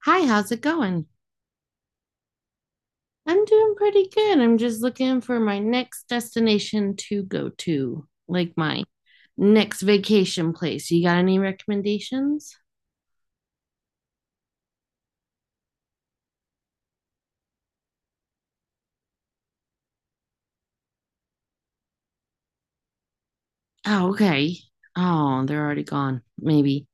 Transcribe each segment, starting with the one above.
Hi, how's it going? I'm doing pretty good. I'm just looking for my next destination to go to, like my next vacation place. You got any recommendations? Oh, okay. Oh, they're already gone, maybe.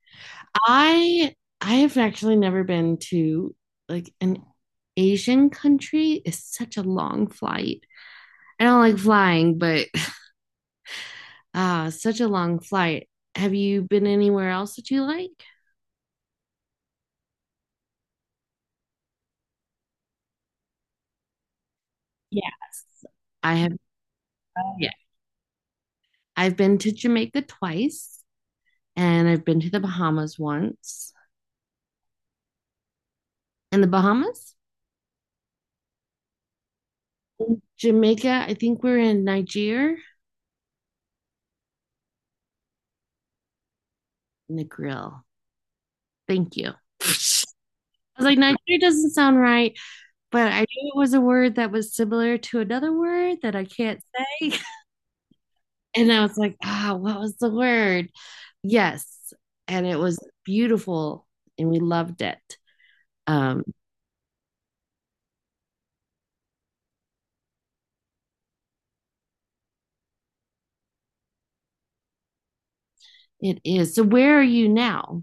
I I have actually never been to like an Asian country. It's such a long flight. I don't like flying, but ah, such a long flight. Have you been anywhere else that you like? Yes. I have. Yeah. I've been to Jamaica twice and I've been to the Bahamas once. And the Bahamas? In Jamaica, I think we're in Niger. Negril. Thank you. I was like, Nigeria doesn't sound right, but I knew it was a word that was similar to another word that I can't say. And I was like, ah, oh, what was the word? Yes. And it was beautiful and we loved it. Um, it is. So where are you now?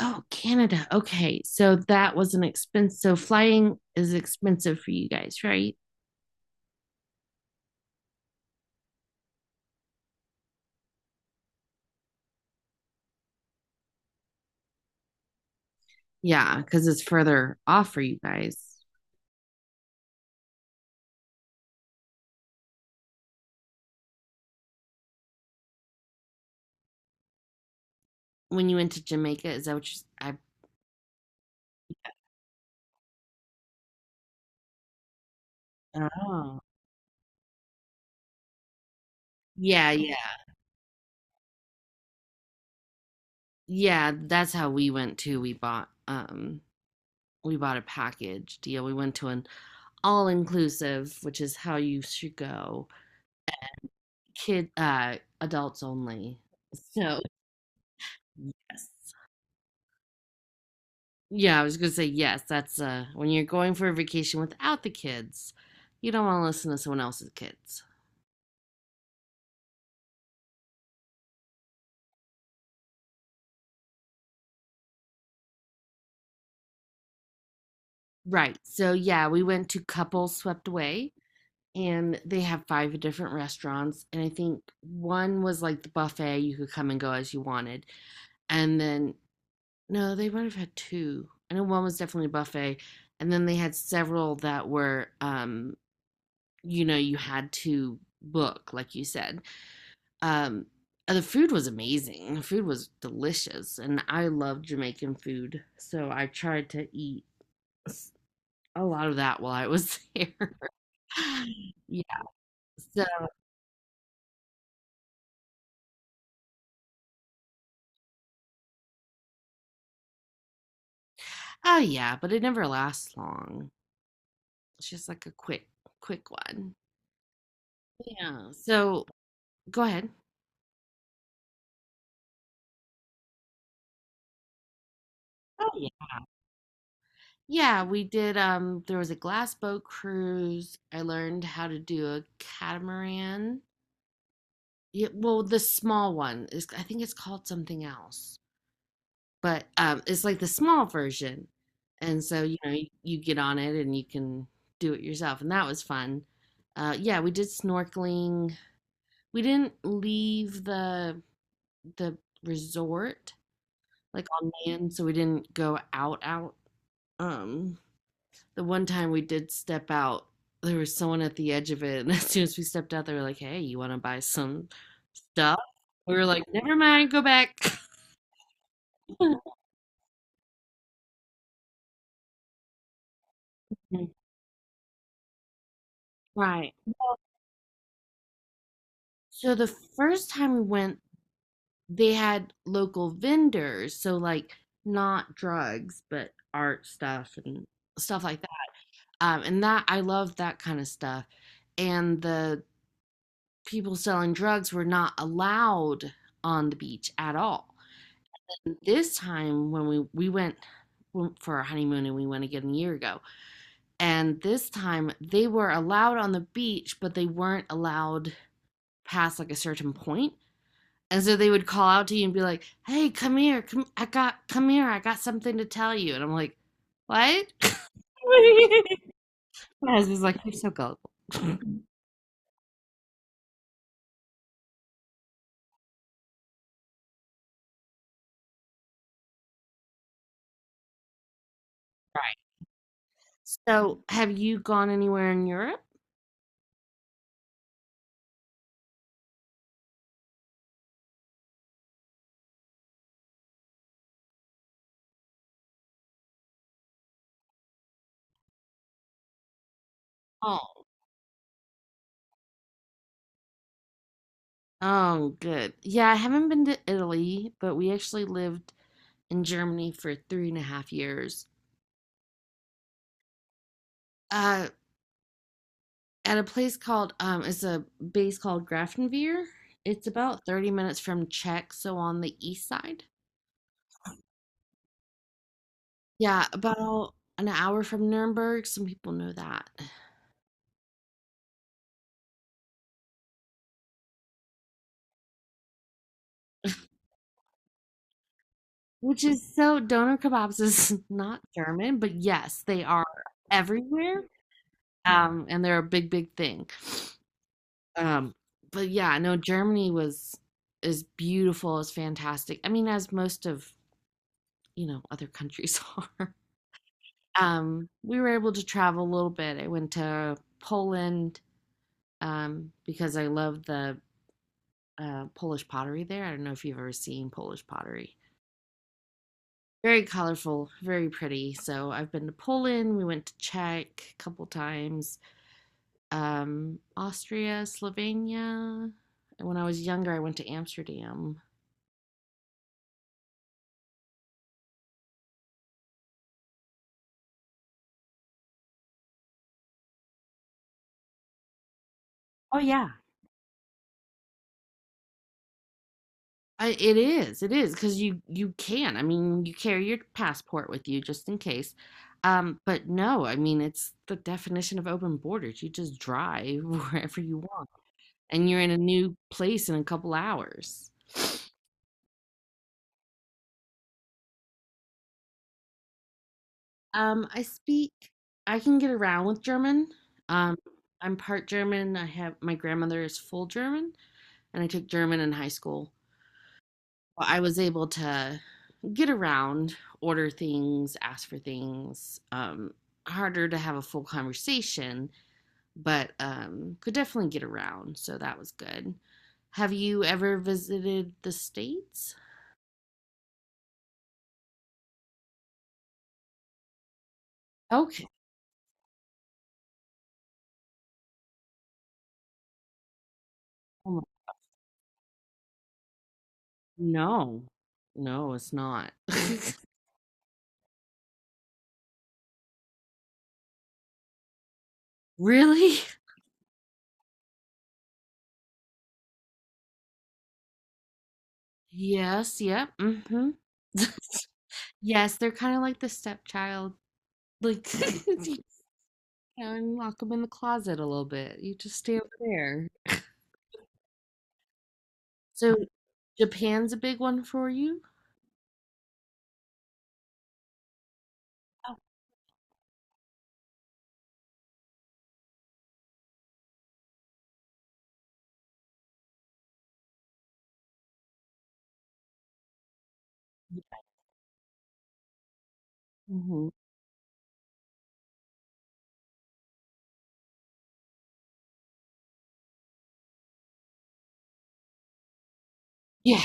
Oh, Canada. Okay. So that was an expense. So flying is expensive for you guys, right? Yeah, because it's further off for you guys. When you went to Jamaica, is that what you? I don't know. Yeah, yeah, yeah. That's how we went too. We bought a package deal. We went to an all inclusive, which is how you should go. Kid, adults only. So yes, yeah, I was gonna say yes. That's when you're going for a vacation without the kids, you don't want to listen to someone else's kids. Right. So yeah, we went to Couples Swept Away, and they have 5 different restaurants, and I think one was like the buffet. You could come and go as you wanted, and then no, they might have had two. I know one was definitely a buffet, and then they had several that were you know, you had to book, like you said. Um, the food was amazing. The food was delicious, and I love Jamaican food, so I tried to eat a lot of that while I was there. Yeah. So, oh yeah, but it never lasts long. It's just like a quick, quick one. Yeah. So go ahead. Oh yeah. Yeah, we did. There was a glass boat cruise. I learned how to do a catamaran. Yeah, well, the small one is. I think it's called something else. But it's like the small version, and so, you know, you get on it and you can do it yourself, and that was fun. Yeah, we did snorkeling. We didn't leave the resort, like, on land, so we didn't go out, out. Um, the one time we did step out, there was someone at the edge of it, and as soon as we stepped out, they were like, "Hey, you wanna buy some stuff?" We were like, "Never mind, go back." Right. So the first time we went, they had local vendors, so like not drugs, but art stuff and stuff like that. And that I love that kind of stuff. And the people selling drugs were not allowed on the beach at all. And this time when we went for our honeymoon and we went again a year ago, and this time they were allowed on the beach, but they weren't allowed past like a certain point. And so they would call out to you and be like, "Hey, come here, come, I got, come here, I got something to tell you." And I'm like, "What?" My husband's like, "You're so gullible." Right. So, have you gone anywhere in Europe? Oh, oh, good. Yeah, I haven't been to Italy, but we actually lived in Germany for three and a half years. Uh, at a place called it's a base called Grafenwehr. It's about 30 minutes from Czech, so on the east side. Yeah, about an hour from Nuremberg. Some people know that. Which is so, doner kebabs is not German, but yes, they are everywhere. And they're a big, big thing. Um, but yeah, no, Germany was is beautiful, is fantastic. I mean, as most of, you know, other countries are. We were able to travel a little bit. I went to Poland, because I love the Polish pottery there. I don't know if you've ever seen Polish pottery. Very colorful, very pretty. So I've been to Poland. We went to Czech a couple times, Austria, Slovenia. When I was younger, I went to Amsterdam. Oh yeah. I, it is, because you can. I mean, you carry your passport with you just in case. But no, I mean, it's the definition of open borders. You just drive wherever you want, and you're in a new place in a couple hours. I speak, I can get around with German. Um, I'm part German. I have my grandmother is full German, and I took German in high school. Well, I was able to get around, order things, ask for things. Harder to have a full conversation, but could definitely get around, so that was good. Have you ever visited the States? Okay. Oh, no, no, it's not. Really? Yes, yep. Mm. Hmm. Yes, they're kind of like the stepchild. Like, you know, and lock them in the closet a little bit. You just stay over there. So, Japan's a big one for you? Hmm. Yeah.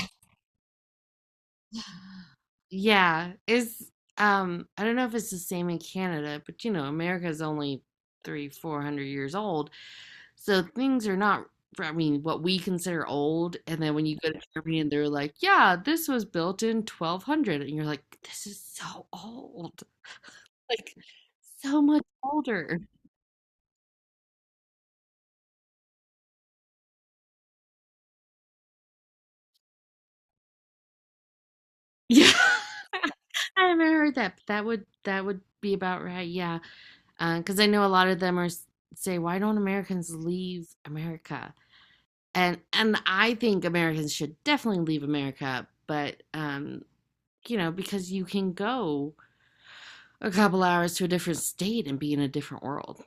Yeah. Is I don't know if it's the same in Canada, but you know, America's only three, 400 years old. So things are not, I mean, what we consider old. And then when you go to Germany and they're like, yeah, this was built in 1200. And you're like, this is so old. Like, so much older. Yeah. I haven't heard that, but that would be about right. Yeah. Because I know a lot of them are s- say, why don't Americans leave America? And I think Americans should definitely leave America, but you know, because you can go a couple hours to a different state and be in a different world,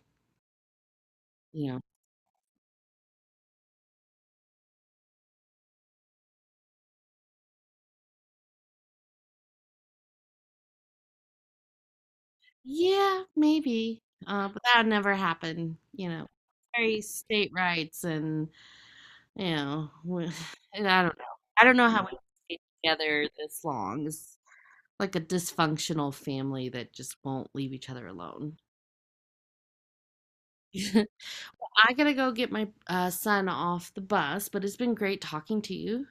you know? Yeah, maybe. But that would never happen, you know. Very state rights and, you know, w- and I don't know. I don't know how we stay together this long. It's like a dysfunctional family that just won't leave each other alone. I gotta go get my son off the bus, but it's been great talking to you.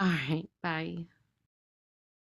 All right, bye.